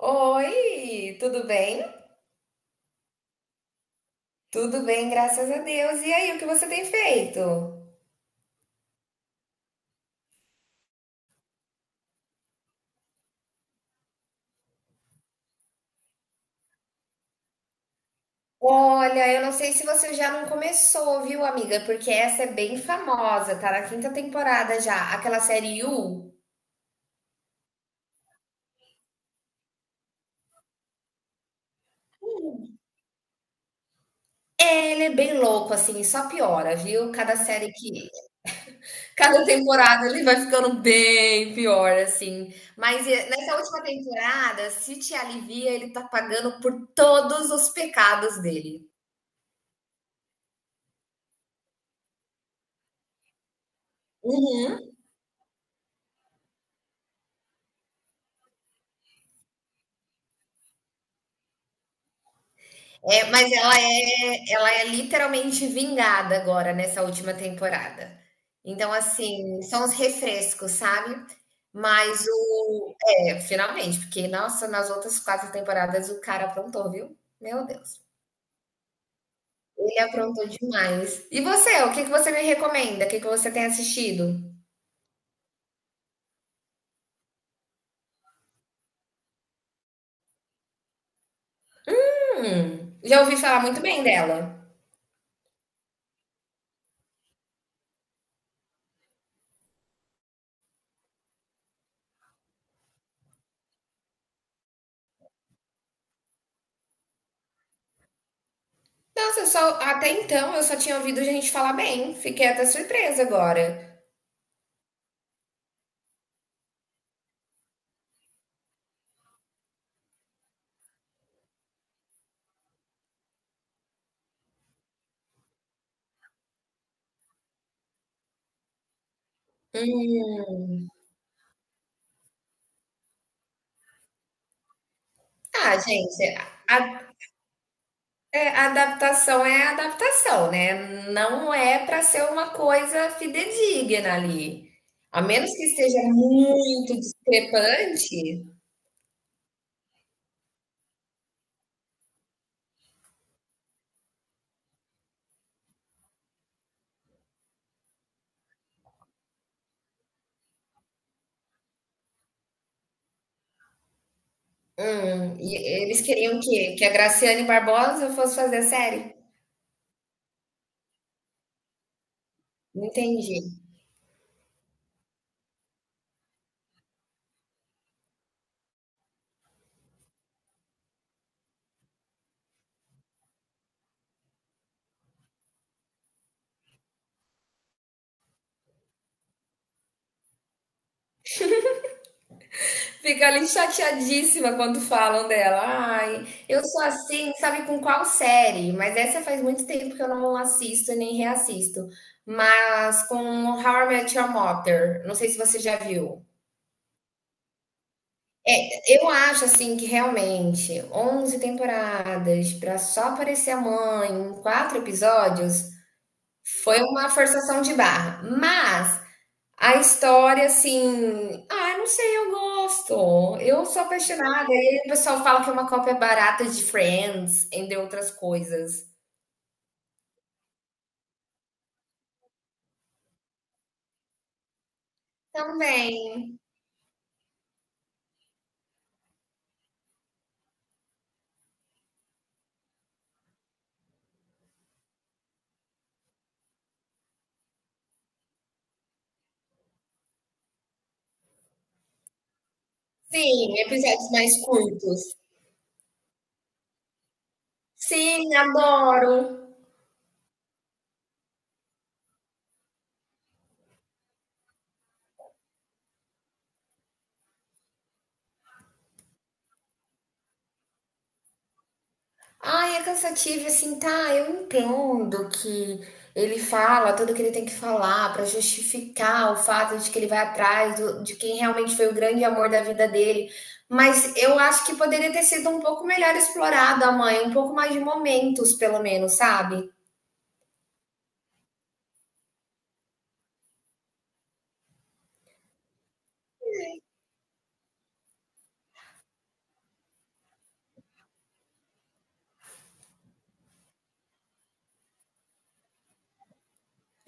Oi, tudo bem? Tudo bem, graças a Deus. E aí, o que você tem feito? Olha, eu não sei se você já não começou, viu, amiga? Porque essa é bem famosa, tá na quinta temporada já. Aquela série You, é, ele é bem louco, assim, e só piora, viu? Cada série que. Cada temporada ele vai ficando bem pior, assim. Mas nessa última temporada, se te alivia, ele tá pagando por todos os pecados dele. É, mas ela é literalmente vingada agora nessa última temporada. Então, assim, são os refrescos, sabe? Mas o. É, finalmente, porque, nossa, nas outras quatro temporadas o cara aprontou, viu? Meu Deus. Ele aprontou demais. E você, o que você me recomenda? O que você tem assistido? Já ouvi falar muito bem dela. Nossa, até então eu só tinha ouvido gente falar bem. Fiquei até surpresa agora. Hum. Ah, gente, a é, a adaptação é a adaptação, né? Não é para ser uma coisa fidedigna ali. A menos que esteja muito discrepante. E eles queriam que a Graciane Barbosa fosse fazer a série. Não entendi. Fica ali chateadíssima quando falam dela. Ai, eu sou assim, sabe com qual série? Mas essa faz muito tempo que eu não assisto e nem reassisto. Mas com How I Met Your Mother. Não sei se você já viu. Eu acho assim que realmente 11 temporadas para só aparecer a mãe em quatro episódios foi uma forçação de barra. Mas a história assim, ah, não sei, eu gosto. Eu sou apaixonada. E aí o pessoal fala que é uma cópia barata de Friends, entre outras coisas. Também. Sim, episódios mais curtos. Sim, adoro. Ai, é cansativo, assim, tá, eu entendo que ele fala tudo que ele tem que falar pra justificar o fato de que ele vai atrás do- de quem realmente foi o grande amor da vida dele, mas eu acho que poderia ter sido um pouco melhor explorado a mãe, um pouco mais de momentos, pelo menos, sabe?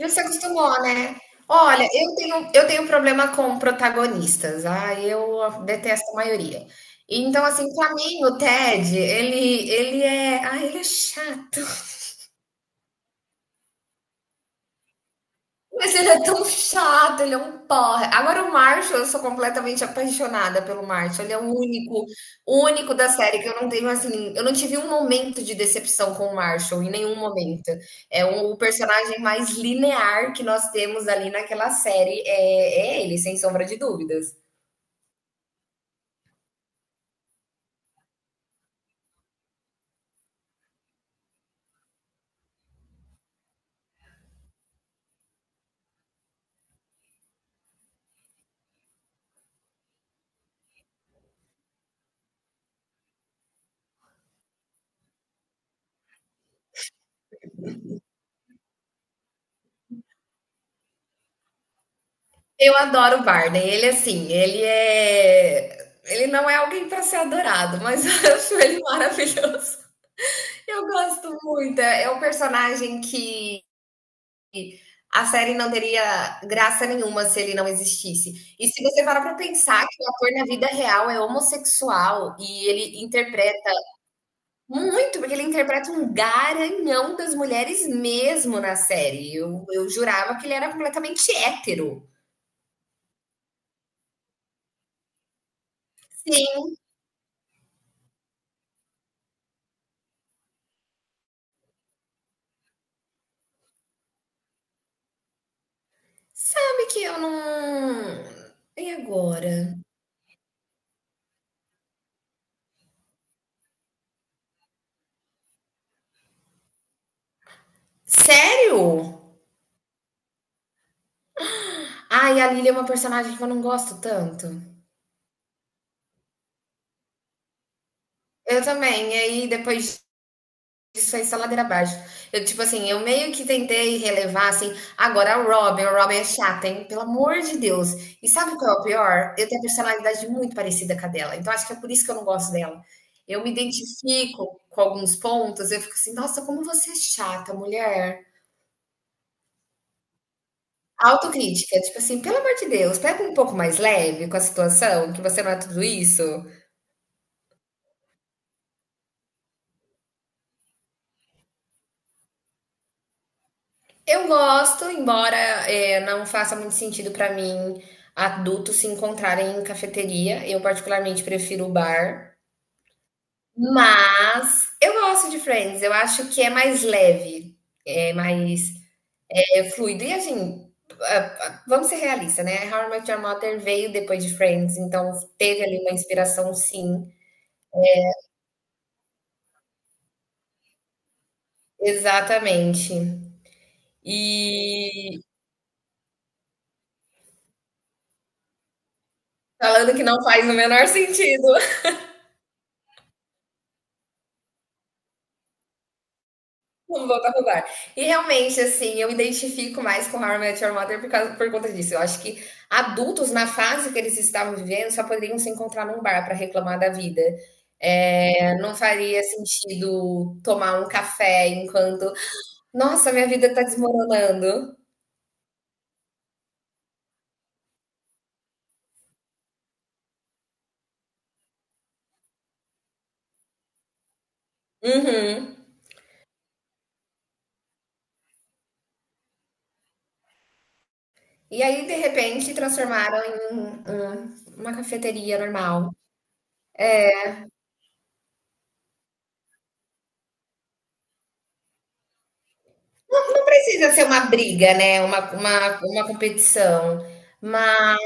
Já se acostumou, né? Olha, eu tenho problema com protagonistas, ah, eu detesto a maioria. Então, assim, pra mim, o Ted, ah, ele é chato. Mas ele é tão chato, ele é um porra. Agora o Marshall, eu sou completamente apaixonada pelo Marshall. Ele é o único da série que eu não tenho assim, eu não tive um momento de decepção com o Marshall em nenhum momento. É um- o personagem mais linear que nós temos ali naquela série é ele, sem sombra de dúvidas. Eu adoro o Barney. Ele não é alguém para ser adorado, mas eu acho ele maravilhoso. Eu gosto muito. É um personagem que a série não teria graça nenhuma se ele não existisse. E se você parar para pensar que o ator na vida real é homossexual e ele interpreta muito, porque ele interpreta um garanhão das mulheres mesmo na série. Eu jurava que ele era completamente hétero. Sim. Sabe que eu não. E agora? Sério? Ai, a Lily é uma personagem que eu não gosto tanto. Eu também. E aí, depois isso foi só ladeira abaixo. Eu, tipo assim, eu meio que tentei relevar, assim, agora a Robin é chata, hein? Pelo amor de Deus. E sabe qual é o pior? Eu tenho a personalidade muito parecida com a dela, então acho que é por isso que eu não gosto dela. Eu me identifico com alguns pontos, eu fico assim, nossa, como você é chata, mulher. Autocrítica, tipo assim, pelo amor de Deus, pega um pouco mais leve com a situação, que você não é tudo isso. Eu gosto, embora não faça muito sentido pra mim adultos se encontrarem em cafeteria. Eu particularmente prefiro o bar, mas eu gosto de Friends. Eu acho que é mais leve, é mais, fluido e assim. Vamos ser realistas, né? How I Met Your Mother veio depois de Friends, então teve ali uma inspiração, sim. Exatamente. E falando que não faz o menor sentido. Vamos voltar pro bar. E realmente, assim, eu me identifico mais com How I Met Your Mother por causa, por conta disso. Eu acho que adultos, na fase que eles estavam vivendo, só poderiam se encontrar num bar para reclamar da vida. É, não faria sentido tomar um café enquanto. Nossa, minha vida tá desmoronando. Uhum. E aí, de repente, transformaram em uma cafeteria normal. Não, não precisa ser uma briga, né? Uma competição. Mas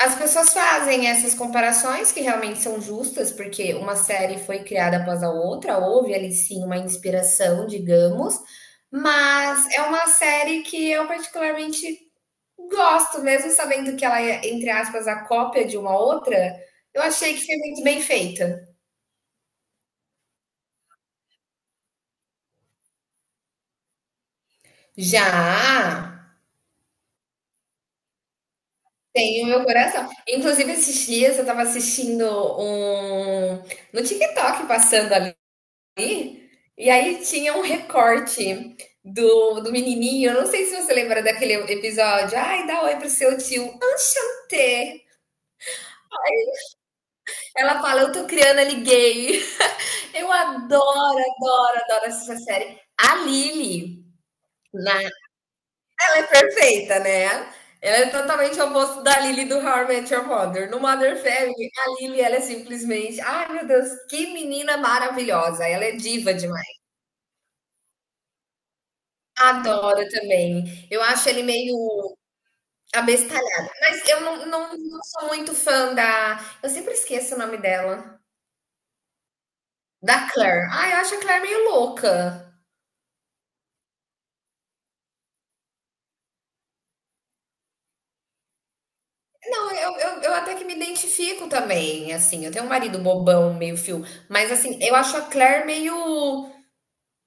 as pessoas fazem essas comparações que realmente são justas, porque uma série foi criada após a outra, houve ali sim uma inspiração, digamos, mas é uma série que eu particularmente gosto, mesmo sabendo que ela é, entre aspas, a cópia de uma outra, eu achei que foi muito bem feita. Já tem o meu coração. Inclusive, esses dias eu estava assistindo um no TikTok passando ali. E aí tinha um recorte do menininho, eu não sei se você lembra daquele episódio, ai, dá oi pro seu tio, enchanté. Ela fala, eu tô criando ali gay. Eu adoro, adoro essa série. Na- Ela é perfeita, né? Ela é totalmente o oposto da Lily do How I Met Your Mother. No Mother Family, a Lily, ela é simplesmente, ai meu Deus, que menina maravilhosa. Ela é diva demais. Adoro também. Eu acho ele meio abestalhada. Mas eu não sou muito fã da, eu sempre esqueço o nome dela. Da Claire. Ah, eu acho a Claire meio louca. Não, eu até que me identifico também, assim, eu tenho um marido bobão, meio fio, mas, assim, eu acho a Claire meio,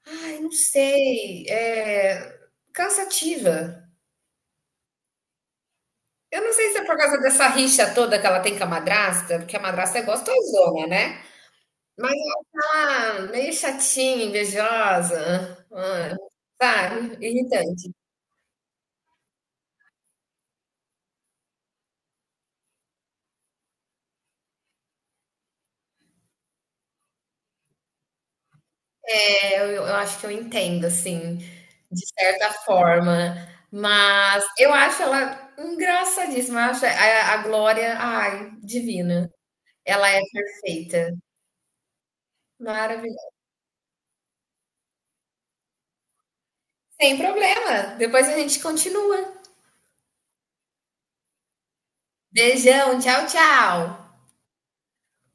ai, não sei, cansativa. Eu não sei se é por causa dessa rixa toda que ela tem com a madrasta, porque a madrasta é gostosona, né. Mas ela tá meio chatinha, invejosa, ah, sabe, irritante. É, eu acho que eu entendo, assim, de certa forma, mas eu acho ela engraçadíssima, eu acho a Glória, ai, divina. Ela é perfeita, maravilhosa. Sem problema, depois a gente continua. Beijão, tchau, tchau.